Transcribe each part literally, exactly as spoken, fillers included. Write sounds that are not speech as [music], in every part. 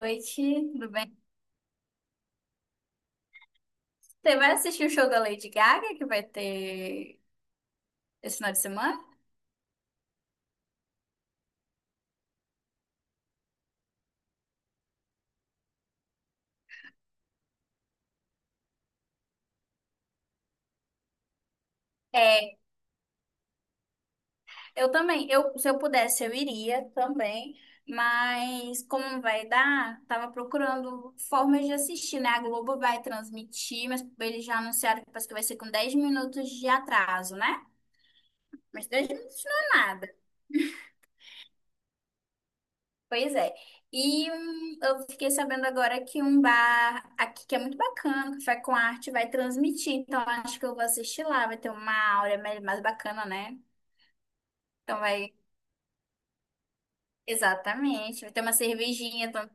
Noite, tudo bem? Você vai assistir o show da Lady Gaga que vai ter esse final de semana? É, eu também. Eu, se eu pudesse, eu iria também. Mas como não vai dar, tava procurando formas de assistir, né? A Globo vai transmitir, mas eles já anunciaram que parece que vai ser com dez minutos de atraso, né? Mas dez minutos não é nada. Pois é. E hum, eu fiquei sabendo agora que um bar aqui que é muito bacana, Café com Arte, vai transmitir. Então acho que eu vou assistir lá. Vai ter uma aura mais mais bacana, né? Então vai. Exatamente. Vai ter uma cervejinha. Então.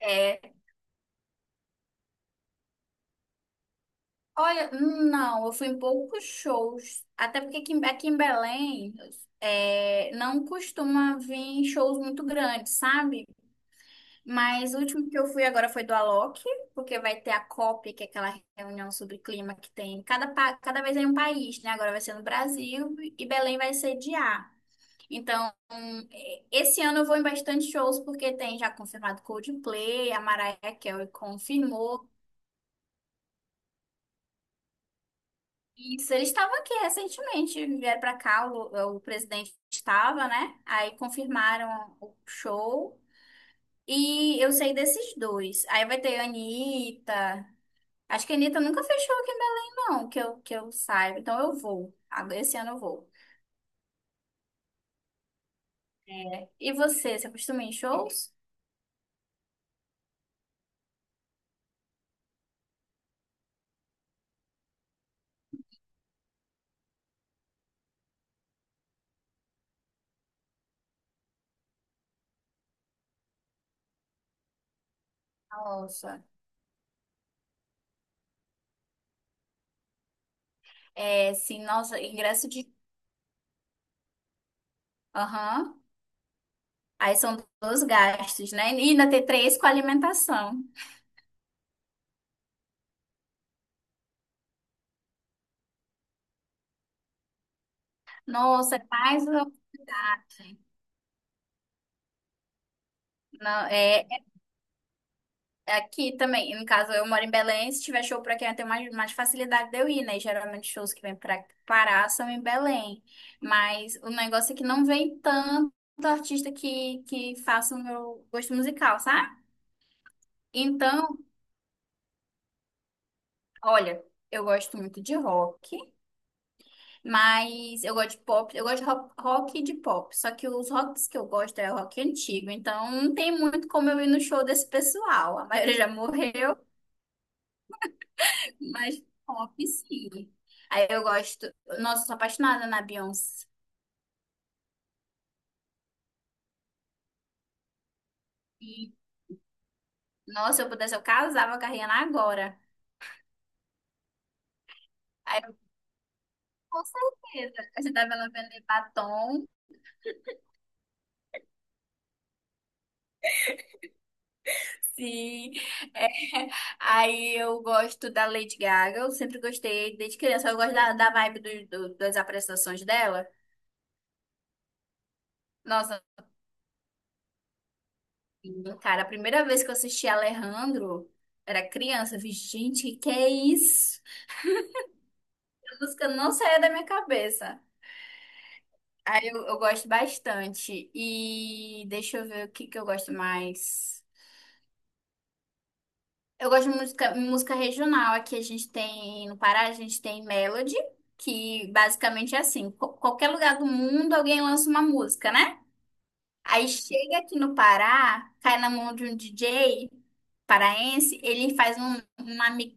É. Olha, hum, não, eu fui em poucos shows. Até porque aqui, em- aqui em Belém é, não costuma vir shows muito grandes, sabe? Mas o último que eu fui agora foi do Alok, porque vai ter a COP, que é aquela reunião sobre clima que tem cada, pa- cada vez em um país, né? Agora vai ser no Brasil e Belém vai sediar. Então, eh, esse ano eu vou em bastante shows, porque tem já confirmado Coldplay, a Mariah Carey confirmou. Isso, eles estavam aqui recentemente, vieram para cá, o, o presidente estava, né? Aí confirmaram o show. E eu sei desses dois. Aí vai ter Anitta. Acho que a Anitta nunca fechou aqui em Belém, não, que eu, que eu saiba. Então eu vou. Agora, esse ano eu vou. E você, você costuma ir em shows? Nossa. É, sim, nossa, ingresso de. Aham. Aí são dois gastos, né? E ainda tem três com alimentação. Nossa, é mais uma oportunidade. Não, é, É aqui também, no caso, eu moro em Belém, se tiver show pra quem eu tenho mais, mais facilidade de eu ir, né? Geralmente shows que vêm pra Pará são em Belém. Mas o negócio é que não vem tanto artista que, que faça o meu gosto musical, sabe? Então, olha, eu gosto muito de rock, mas eu gosto de pop, eu gosto de rock, rock e de pop. Só que os rocks que eu gosto é rock antigo, então não tem muito como eu ir no show desse pessoal. A maioria já morreu. Mas pop, sim. Aí eu gosto. Nossa, eu sou apaixonada na Beyoncé. E, nossa, se eu pudesse, eu casava com a Rihanna agora. Aí eu, com certeza. Ajudava ela a vender batom. Sim. É. Aí eu gosto da Lady Gaga. Eu sempre gostei desde criança. Eu gosto da, da vibe do, do- das apresentações dela. Nossa, cara, a primeira vez que eu assisti Alejandro, era criança. Eu fiz, gente, que que é isso? A música não saía da minha cabeça. Aí eu, eu gosto bastante. E deixa eu ver o que que eu gosto mais. Eu gosto de música, música regional. Aqui a gente tem, no Pará, a gente tem Melody, que basicamente é assim: qu- qualquer lugar do mundo alguém lança uma música, né? Aí chega aqui no Pará, cai na mão de um D J paraense, ele faz um, uma mix,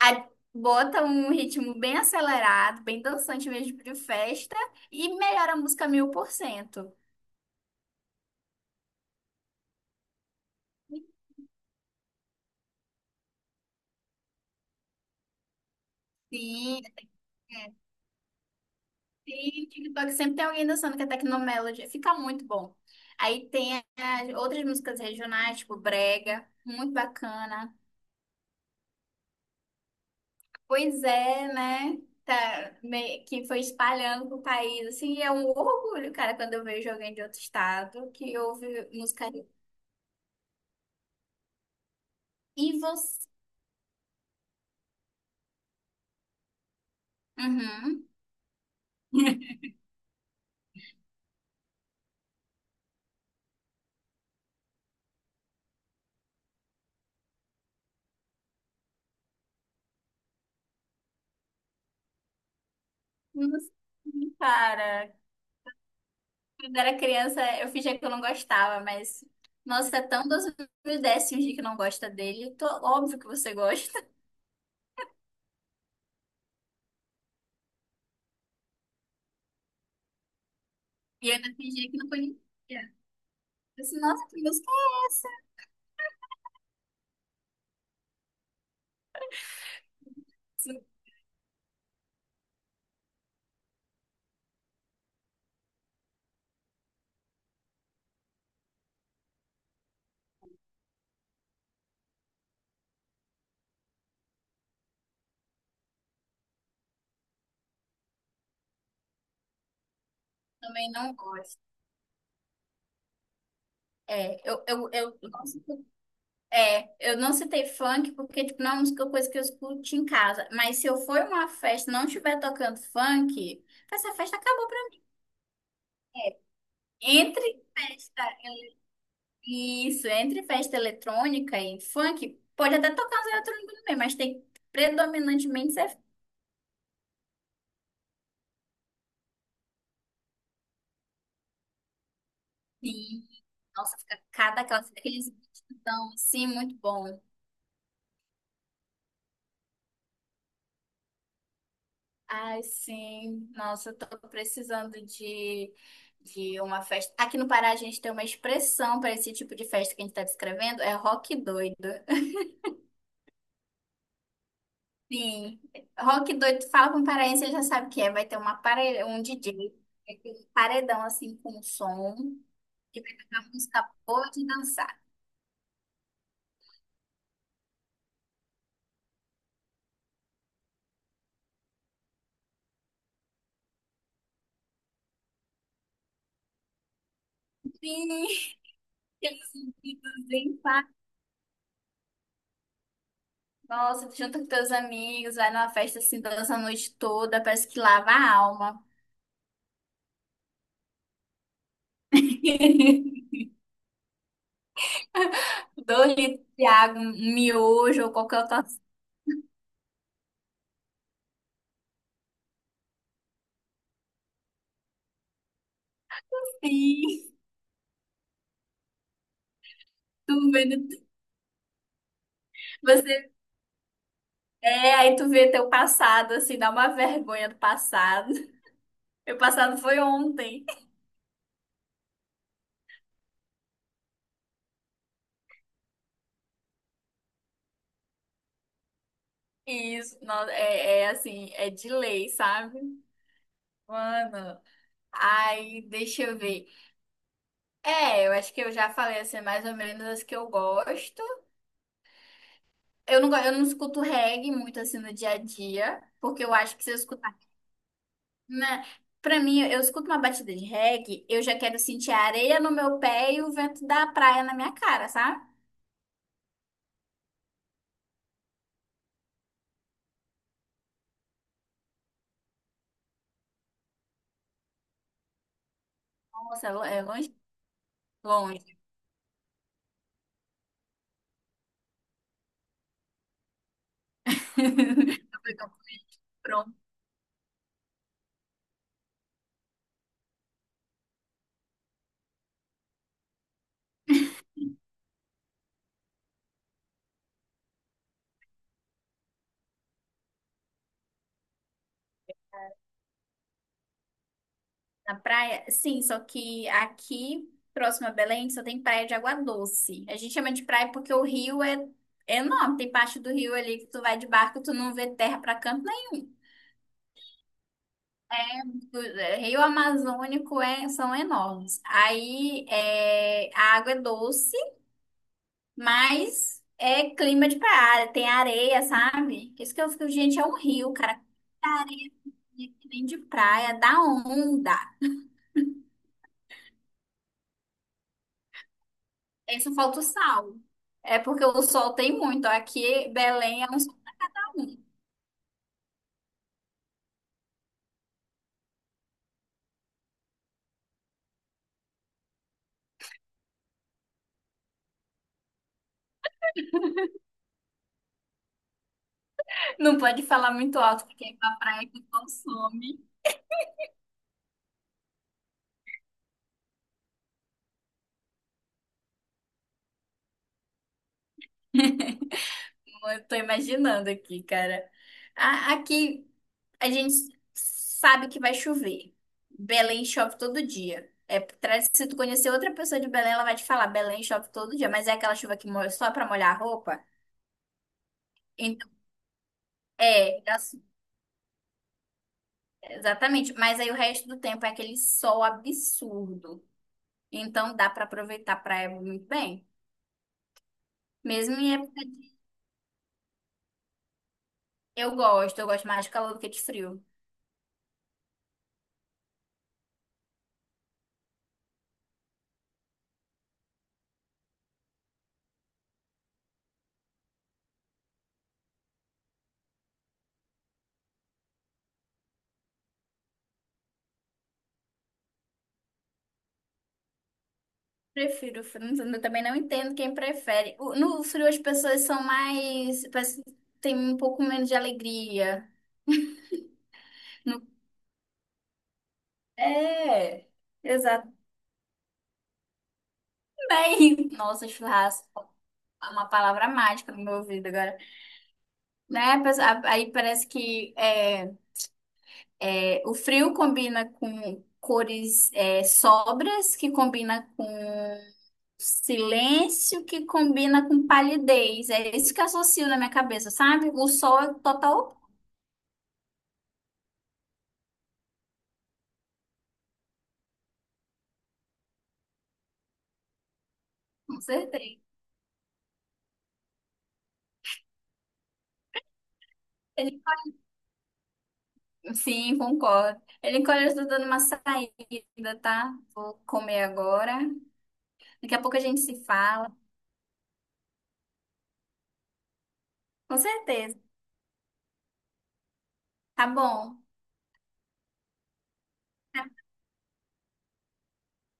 a- Bota um ritmo bem acelerado, bem dançante mesmo de festa e melhora a música mil por cento. Sim, é. E TikTok sempre tem alguém dançando que é Tecnomelody. Fica muito bom. Aí tem as outras músicas regionais, tipo Brega, muito bacana. Pois é, né? Tá, me- que foi espalhando pro país. Assim, é um orgulho, cara, quando eu vejo alguém de outro estado que ouve música. E você? Uhum. Nossa, cara, quando era criança, eu fingia que eu não gostava, mas. Nossa, é tão dos mil décimos de que não gosta dele. Tô. Óbvio que você gosta. E eu ainda fingia que não conhecia. Eu disse, nossa, que música é essa? Também não gosto. É, eu, eu, eu, não citei- é, eu não citei funk porque, tipo, não é uma música, coisa que eu escuto em casa. Mas se eu for em uma festa e não estiver tocando funk, essa festa acabou pra mim. Entre festa, isso, entre festa eletrônica e funk, pode até tocar os eletrônicos também, mas tem predominantemente ser funk. Sim, nossa, fica cada aquela, aqueles beatzão, assim, muito bom. Ai, sim. Nossa, eu tô precisando de, de uma festa. Aqui no Pará a gente tem uma expressão para esse tipo de festa que a gente tá descrevendo, é rock doido. [laughs] Sim. Rock doido, tu fala com um paraense, ele já sabe o que é. Vai ter uma pare... um D J, um paredão assim com som, que vai tocar música boa de dançar. Sim, [laughs] aqueles sentidos bem fa- Nossa, tu junta com teus amigos, vai numa festa assim, dança a noite toda, parece que lava a alma. [laughs] dois litros de água, um um miojo ou qualquer outra coisa assim. [laughs] Tu vendo, você é, aí tu vê teu passado, assim, dá uma vergonha do passado. Meu passado foi ontem. E isso, não, é, é assim, é de lei, sabe? Mano, aí deixa eu ver. É, eu acho que eu já falei assim, mais ou menos as que eu gosto. Eu não, go- eu não escuto reggae muito assim no dia a dia, porque eu acho que se eu escutar. Né? Pra mim, eu escuto uma batida de reggae, eu já quero sentir a areia no meu pé e o vento da praia na minha cara, sabe? Nossa, é lo- é longe? Longe. [laughs] Eu fui pronto na praia. Sim, só que aqui, próximo a Belém, só tem praia de água doce. A gente chama de praia porque o rio é enorme. Tem parte do rio ali que tu vai de barco, e tu não vê terra pra canto nenhum. O é, Rio Amazônico é, são enormes. Aí é, a água é doce. Mas é clima de praia, tem areia, sabe? Isso que eu fico, gente, é um rio, cara. Tem de praia, dá onda. É, só falta o sal. É porque o sol tem muito. Aqui, Belém é um sol. Pra um. Não pode falar muito alto, porque é pra praia que o sol some. [laughs] Eu tô imaginando aqui, cara. A- Aqui, a gente sabe que vai chover. Belém chove todo dia. É, tra- se tu conhecer outra pessoa de Belém, ela vai te falar, Belém chove todo dia, mas é aquela chuva que molha só pra molhar a roupa. Então, é, dá- exatamente. Mas aí o resto do tempo é aquele sol absurdo. Então dá pra aproveitar a praia muito bem. Mesmo em época de... Eu gosto, eu gosto mais de calor do que de frio. Prefiro frio, mas eu também não entendo quem prefere. O- No frio as pessoas são mais, parece que tem um pouco menos de alegria. É, exatamente. Nossa, churrasco é uma palavra mágica no meu ouvido agora. Né? Mas a aí parece que é, é, o frio combina com cores é, sóbrias, que combina com silêncio, que combina com palidez. É isso que eu associo na minha cabeça, sabe? O sol é total, com certeza. Ele- Sim, concordo. Ele encolheu, eu estou dando uma saída, tá? Vou comer agora. Daqui a pouco a gente se fala. Com certeza. Tá bom.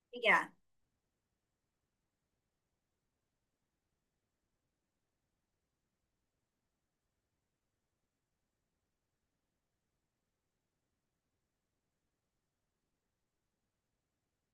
Obrigada.